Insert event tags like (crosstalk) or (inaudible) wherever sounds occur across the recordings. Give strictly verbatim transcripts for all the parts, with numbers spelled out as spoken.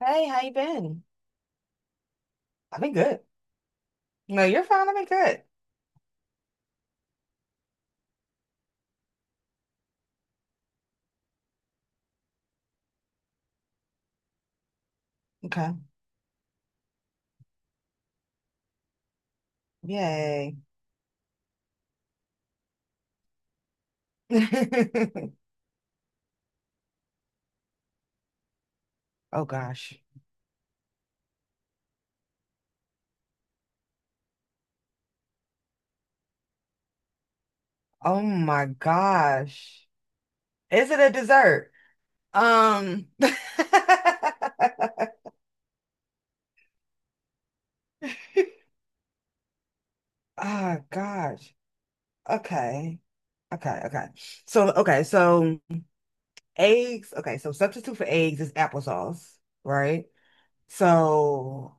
Hey, how you been? I've been good. No, you're fine. I've been good. Okay. Yay. (laughs) Oh gosh. Oh my gosh. Is it a dessert? Um. (laughs) Ah, gosh. Okay. Okay. Okay. So, okay. So, eggs. Okay. So, substitute for eggs is applesauce, right? So,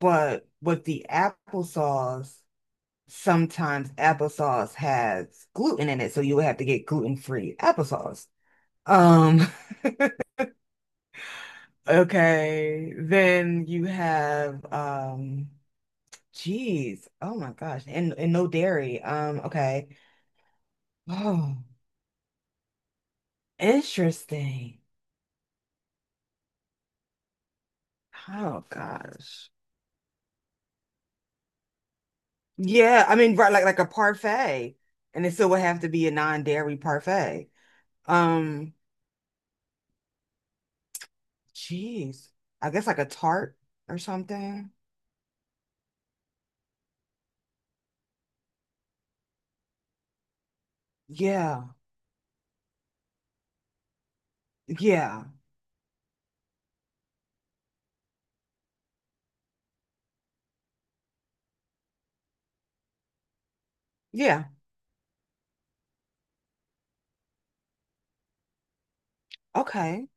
but with the applesauce, sometimes applesauce has gluten in it, so you would have to get gluten-free applesauce. Um, (laughs) okay, then you have um geez, oh my gosh, and, and no dairy. Um, okay. Oh, interesting. Oh gosh. Yeah, I mean, right, like like a parfait. And it still would have to be a non-dairy parfait. Um, geez. I guess like a tart or something. Yeah. Yeah. Yeah. Okay.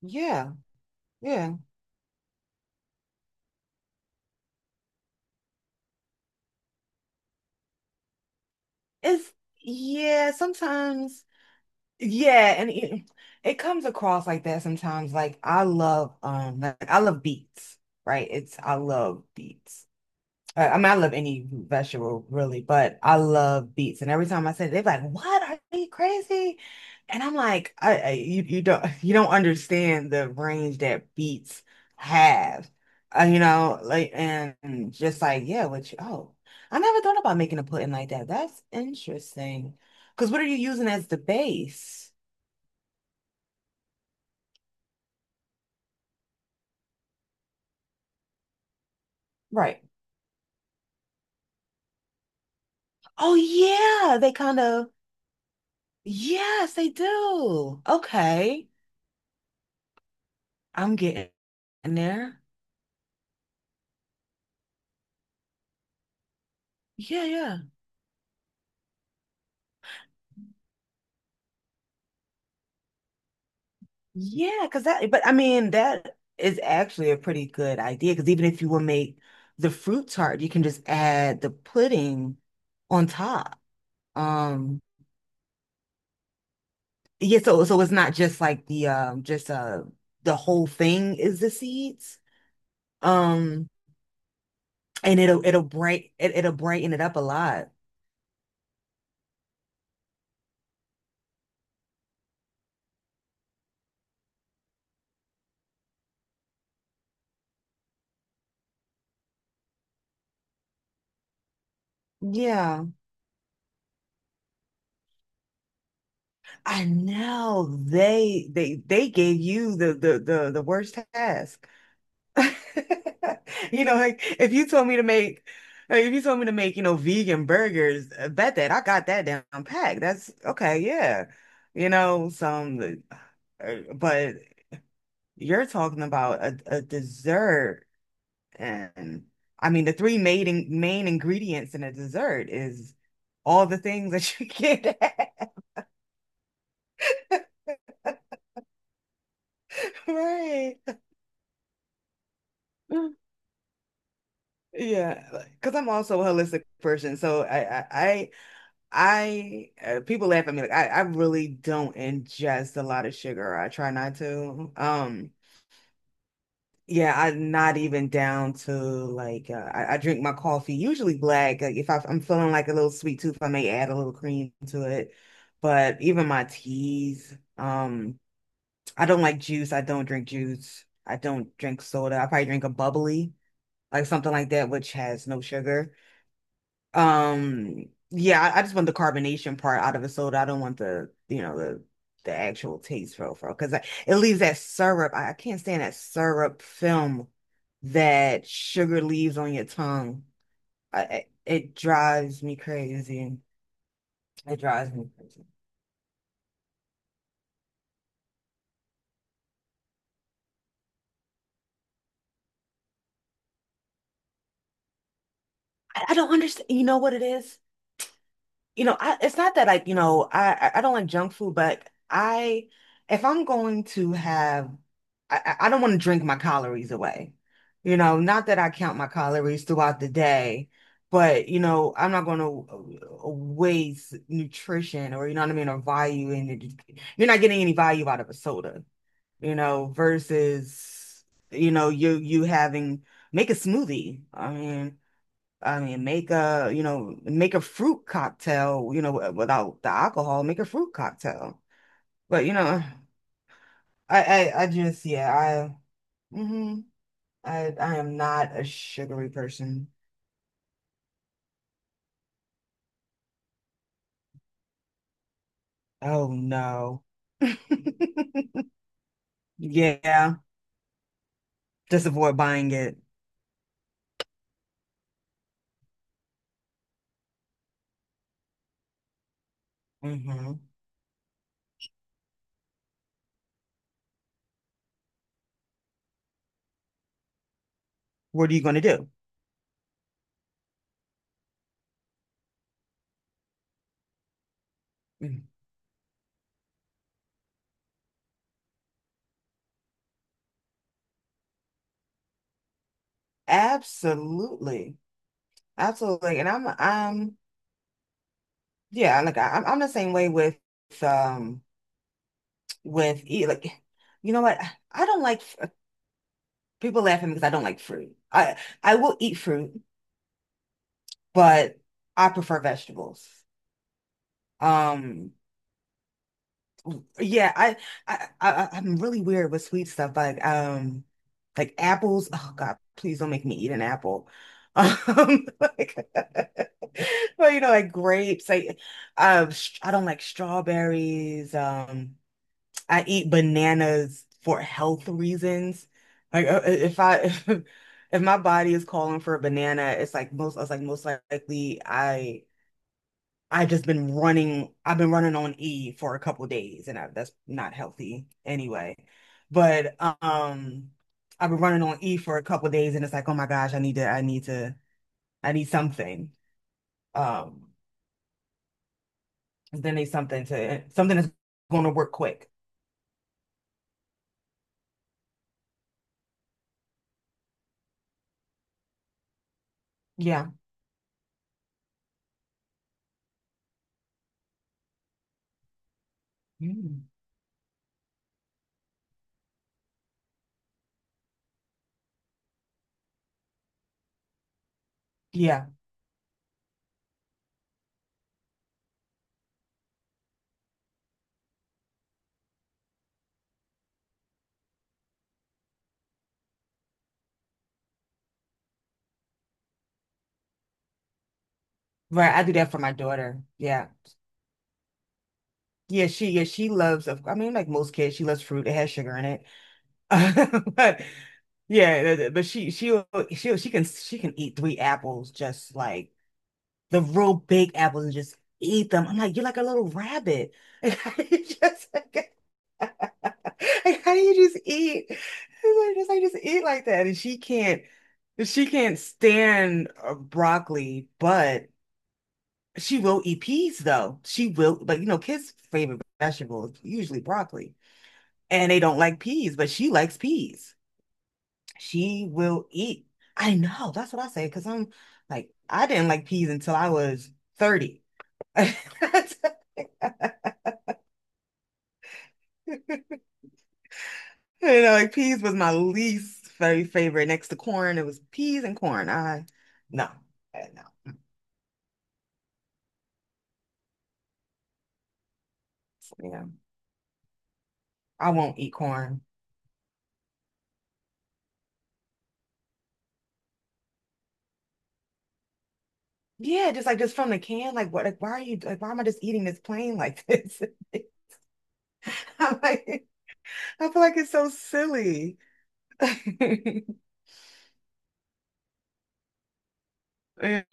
Yeah. Yeah. It's yeah, sometimes yeah, and it, it comes across like that sometimes. Like I love um like I love beats, right? It's I love beats. I, I mean, I love any root vegetable really, but I love beets. And every time I say, it, they're like, "What? Are you crazy?" And I'm like, I, I you, you don't (laughs) you don't understand the range that beets have. Uh, you know, like and just like yeah, which oh, I never thought about making a pudding like that. That's interesting. Because what are you using as the base? Right. Oh yeah, they kind of yes, they do. Okay, I'm getting there. Yeah, yeah. Yeah, because that, but I mean, that is actually a pretty good idea. Because even if you will make the fruit tart, you can just add the pudding on top. Um, yeah, so so it's not just like the um just uh the whole thing is the seeds. Um, and it'll it'll bright it, it'll brighten it up a lot. Yeah, I know they they they gave you the the the the worst task. (laughs) You know, like if you told me to make, like, if you told me to make, you know, vegan burgers, I bet that I got that down packed. That's okay, yeah. You know, some, uh, but you're talking about a, a dessert, and I mean, the three main in- main ingredients in a dessert is all the things that you get (laughs) Right. Yeah, because I'm also a holistic person, so I, I I uh, people laugh at me like I, I really don't ingest a lot of sugar. I try not to. Um, yeah, I'm not even down to like uh, I, I drink my coffee usually black. Like if I, I'm feeling like a little sweet tooth, I may add a little cream to it. But even my teas, um, I don't like juice. I don't drink juice. I don't drink soda. I probably drink a bubbly, like something like that, which has no sugar. Um, yeah, I, I just want the carbonation part out of the soda. I don't want the, you know, the the actual taste profile because it leaves that syrup. I, I can't stand that syrup film that sugar leaves on your tongue. I, I- it drives me crazy. It drives me crazy. I, I don't understand. You know what it is? You know, I, it's not that I, you know, I I I don't like junk food, but I if I'm going to have, I I I don't want to drink my calories away. You know, not that I count my calories throughout the day, but you know, I'm not going to waste nutrition or you know what I mean, or value in it. You're not getting any value out of a soda, you know, versus you know you you having make a smoothie. I mean. I mean, make a, you know, make a fruit cocktail, you know, wi- without the alcohol, make a fruit cocktail. But, you know, I, I, I just, yeah, I, hmm I, I am not a sugary person. Oh no. (laughs) Yeah, just avoid buying it. hmm What are you going to do? Mhm. Absolutely. Absolutely. And I'm, I'm, yeah, like I, I'm I'm the same way with, um, with eat, like, you know what? I don't like, people laugh at me because I don't like fruit. I I will eat fruit, but I prefer vegetables. Um, yeah, I I, I I'm really weird with sweet stuff, like um, like apples. Oh God, please don't make me eat an apple. Um, (laughs) like, (laughs) well, you know, like grapes. Like, um, sh- I don't like strawberries. Um. I eat bananas for health reasons. Like uh, uh, if I (laughs) if, my body is calling for a banana, it's like most I was like most likely I I have just been running I've been running on E for a couple days and I, that's not healthy anyway. But um I've been running on E for a couple days and it's like oh my gosh I need to I need to I need something. Um then need something to something that's going to work quick. Yeah. Mm. Yeah. Right, I do that for my daughter. Yeah. Yeah, she yeah, she loves of I mean like most kids, she loves fruit. It has sugar in it. (laughs) But yeah, th- th- but she she she she can she can eat three apples just like the real big apples and just eat them. I'm like, you're like a little rabbit. (laughs) Like, how do you just (laughs) like, how do you just eat? (laughs) It's like just like just eat like that. And she can't she can't stand uh, broccoli, but she will eat peas though. She will, but you know, kids' favorite vegetable is usually broccoli, and they don't like peas, but she likes peas. She will eat. I know, that's what I say, because I'm like, I didn't like peas until I was thirty. (laughs) You know, like peas was my least very favorite. Next to corn, it was peas and corn. I no, eh, no, yeah, I won't eat corn. Yeah, just like just from the can, like what, like why are you, like why am I just eating this plain like this? (laughs) (laughs) I'm like, I feel like it's so silly. (laughs) Yep.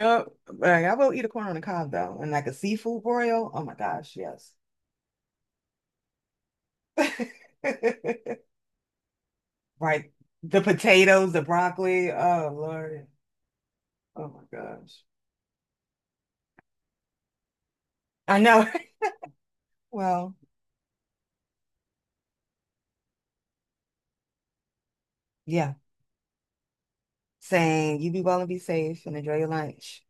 Like, I will eat a corn on the cob though, and like a seafood broil. Oh my gosh, yes. (laughs) Right. The potatoes, the broccoli. Oh Lord. Oh my gosh. I know. (laughs) Well, yeah. Saying you be well and be safe and enjoy your lunch.